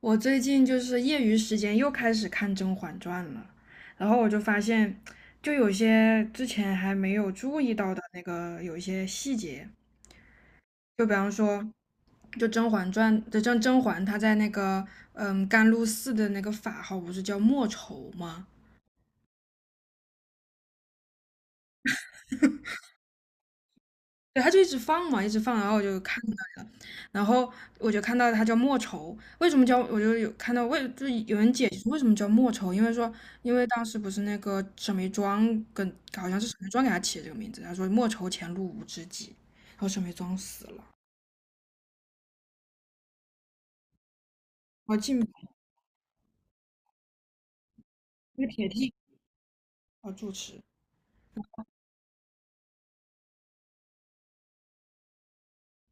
我最近就是业余时间又开始看《甄嬛传》了，然后我就发现，就有些之前还没有注意到的那个有一些细节，就比方说，就《甄嬛传》就甄嬛她在那个甘露寺的那个法号不是叫莫愁吗？对，他就一直放嘛，一直放，然后我就看到了，然后我就看到他叫莫愁，为什么叫？我就有看到就有人解释为什么叫莫愁，因为说，因为当时不是那个沈眉庄跟好像是沈眉庄给他起的这个名字，他说莫愁前路无知己，然后沈眉庄死了，然后进那个铁梯要住持，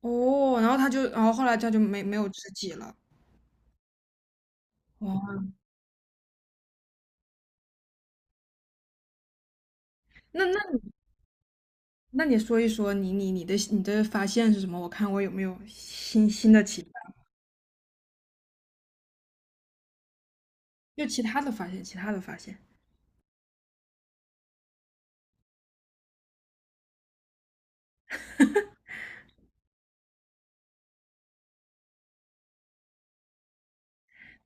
哦，然后他就，然后后来他就没有知己了，哇，那那你那你说一说你的发现是什么？我看我有没有新的。又其他的发现，其他的发现，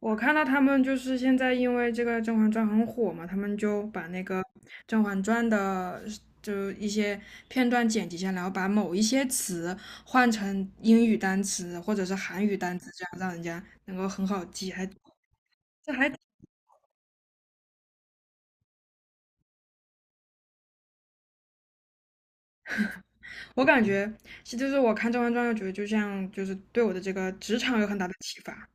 我看到他们就是现在因为这个《甄嬛传》很火嘛，他们就把那个《甄嬛传》的就一些片段剪辑下来，然后把某一些词换成英语单词或者是韩语单词，这样让人家能够很好记。还这还我感觉，其实就是我看《甄嬛传》，又觉得就像就是对我的这个职场有很大的启发。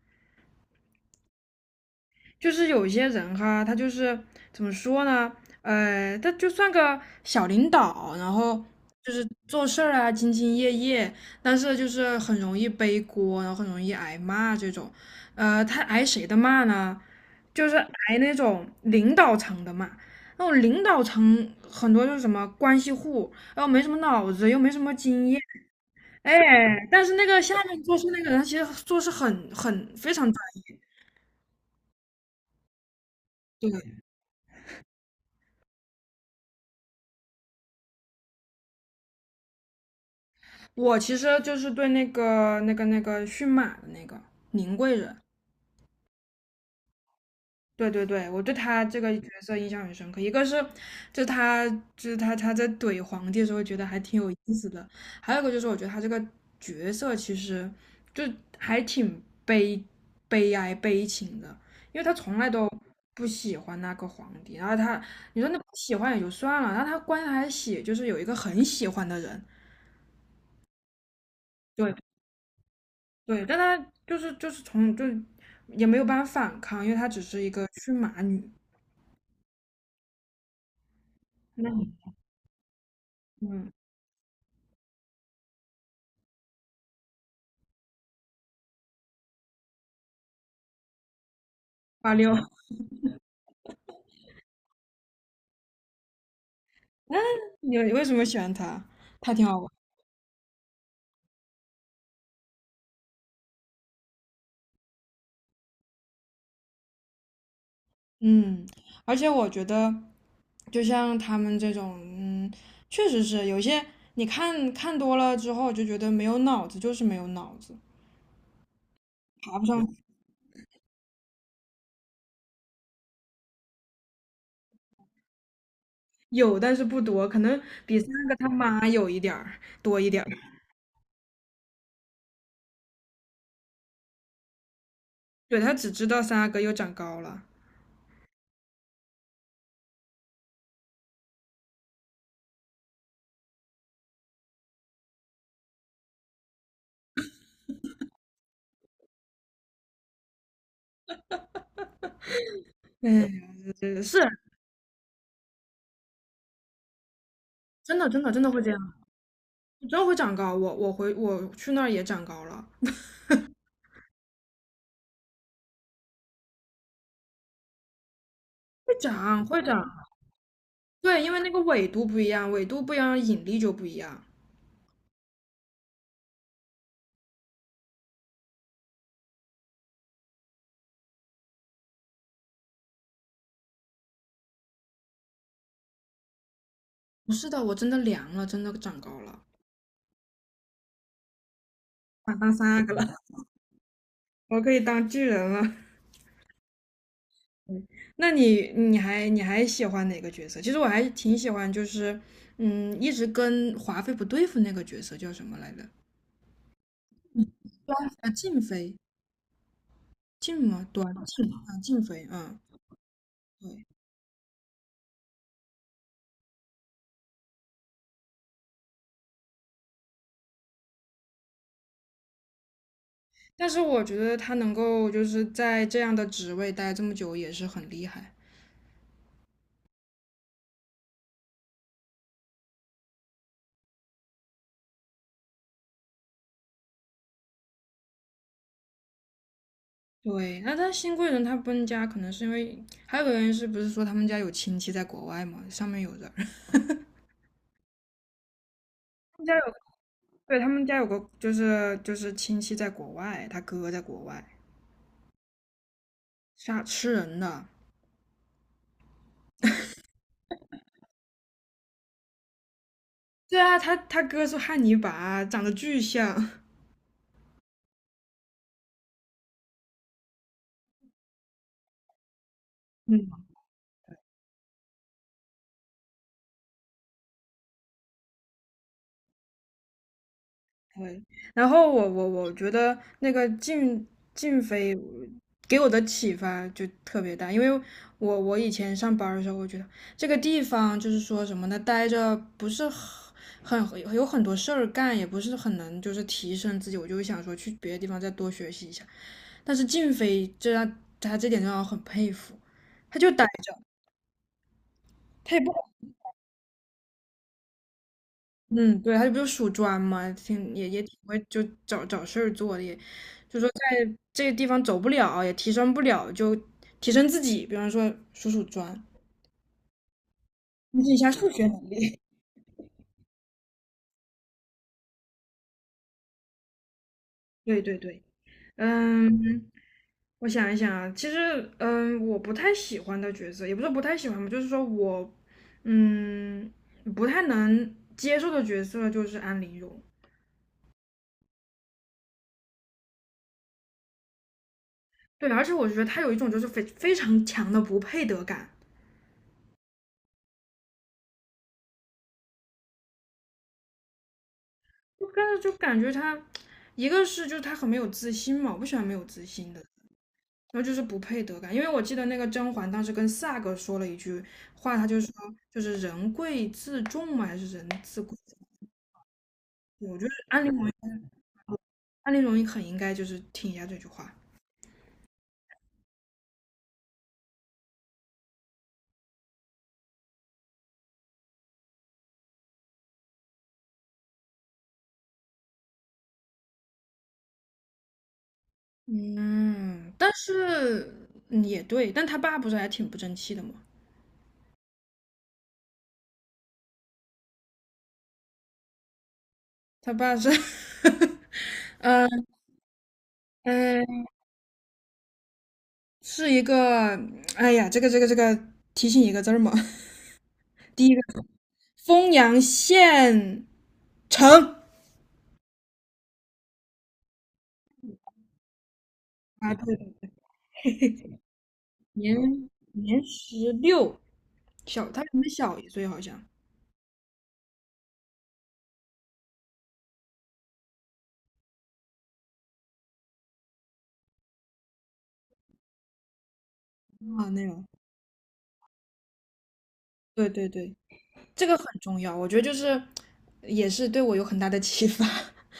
就是有一些人哈，他就是怎么说呢？他就算个小领导，然后就是做事儿啊，兢兢业业，但是就是很容易背锅，然后很容易挨骂这种。他挨谁的骂呢？就是挨那种领导层的骂。那种领导层很多就是什么关系户，然后没什么脑子，又没什么经验，哎，但是那个下面做事那个人，他其实做事非常专业。对我其实就是对那个驯马的那个宁贵人，对对对，我对他这个角色印象很深刻。一个是，就他就是他在怼皇帝的时候，觉得还挺有意思的；还有一个就是，我觉得他这个角色其实就还挺悲悲哀悲情的，因为他从来都不喜欢那个皇帝，然后他你说那不喜欢也就算了，然后他关键就是有一个很喜欢的人，对，对，但她就是也没有办法反抗，因为她只是一个驯马女。那你嗯，86，你为什么喜欢她？她挺好玩。嗯，而且我觉得，就像他们这种，确实是有些你看看多了之后就觉得没有脑子，就是没有脑子，爬不上。有，但是不多，可能比三阿哥他妈有一点儿多一点儿。对，他只知道三阿哥又长高了。哎呀这是真的，真的，真的会这样。你真会长高，我回我去那儿也长高了，会长会长。对，因为那个纬度不一样，纬度不一样，引力就不一样。不是的，我真的凉了，真的长高了，想当三个了，我可以当巨人了。那你还喜欢哪个角色？其实我还挺喜欢，就是一直跟华妃不对付那个角色叫什么来着？啊，静妃，静吗？端静啊，静妃，嗯，对。但是我觉得她能够就是在这样的职位待这么久，也是很厉害。对，那他新贵人他搬家，可能是因为还有个原因是不是说他们家有亲戚在国外嘛？上面有人，他们家有，对，他们家有个就是亲戚在国外，他哥在国外，杀吃人的。对啊，他哥是汉尼拔，长得巨像。嗯，对，然后我觉得那个静飞给我的启发就特别大，因为我以前上班儿的时候，我觉得这个地方就是说什么呢，待着不是很有很多事儿干，也不是很能就是提升自己，我就想说去别的地方再多学习一下。但是静飞这让他这点让我很佩服，他就待着，他也不。嗯，对，他就不是属砖嘛，挺也也挺会就找找事儿做的，也就说在这个地方走不了，也提升不了，就提升自己，比方说数数砖，增进一下数学能力。对对对，嗯，我想一想啊，其实我不太喜欢的角色，也不是说不太喜欢吧，就是说我嗯不太能接受的角色就是安陵容。对，而且我觉得他有一种就是非常强的不配得感。我看着就感觉他，一个是就是他很没有自信嘛，我不喜欢没有自信的，然后就是不配得感。因为我记得那个甄嬛当时跟萨哥说了一句话，他就说就是人贵自重嘛，还是人自贵自重我觉得安陵容很应该就是听一下这句话。嗯，但是也对，但他爸不是还挺不争气的吗？他爸是 嗯，嗯，是一个，哎呀，这个，提醒一个字儿嘛。第一个丰阳县城。啊，对对，年年16，小，他比我们小一岁好像。啊，那种，对对对，这个很重要，我觉得就是也是对我有很大的启发。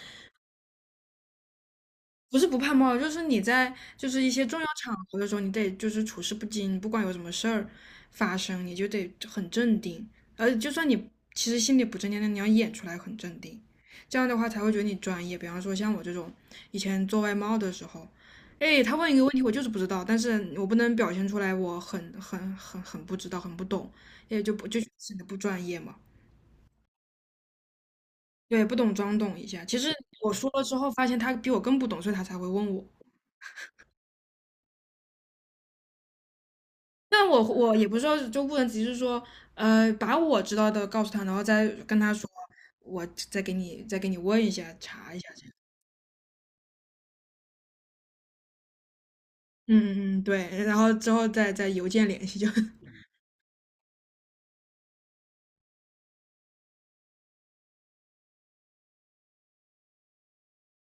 不是不怕冒，就是你在就是一些重要场合的时候，你得就是处事不惊，不管有什么事儿发生，你就得很镇定。而就算你其实心里不镇定，但你要演出来很镇定，这样的话才会觉得你专业。比方说像我这种以前做外贸的时候，哎，他问一个问题，我就是不知道，但是我不能表现出来我很不知道，很不懂，也就不就显得不专业嘛。对，不懂装懂一下。其实我说了之后，发现他比我更不懂，所以他才会问我。但我也不知道，就不能只是说，把我知道的告诉他，然后再跟他说，我再给你问一下，查一下这样。嗯嗯嗯，对，然后之后再邮件联系就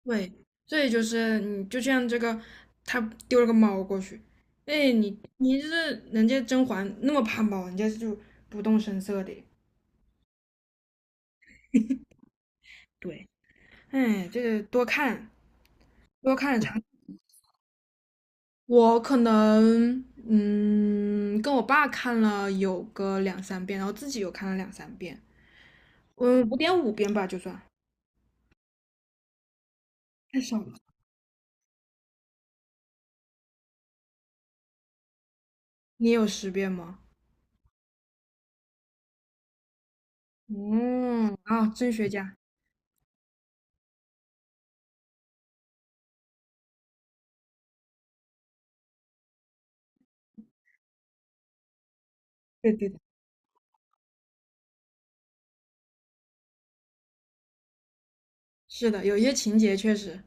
对，所以就是你就像这个，他丢了个猫过去，哎，你就是人家甄嬛那么怕猫，人家就不动声色的，对，哎，这个多看多看我可能跟我爸看了有个两三遍，然后自己又看了两三遍，5.5遍吧，就算太少了。你有10遍吗？嗯，啊，真学家。对对的，是的，有一些情节确实，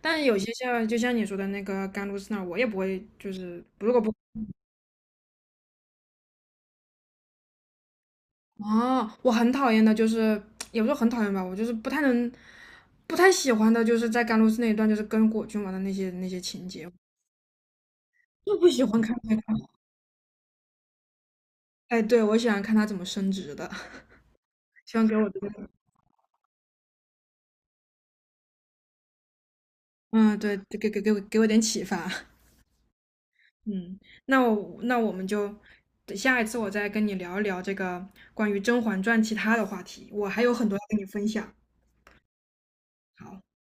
但有些就像你说的那个甘露寺那儿，我也不会，就是如果不哦，我很讨厌的，就是 也不是很讨厌吧，我就是不太能，不太喜欢的，就是在甘露寺那一段，就是跟果郡王的那些情节，就不喜欢看这个。哎，对，我喜欢看他怎么升职的，希望给我这个，嗯，对，给我点启发。嗯，那我们就下一次我再跟你聊一聊这个关于《甄嬛传》其他的话题，我还有很多要跟你分享。好。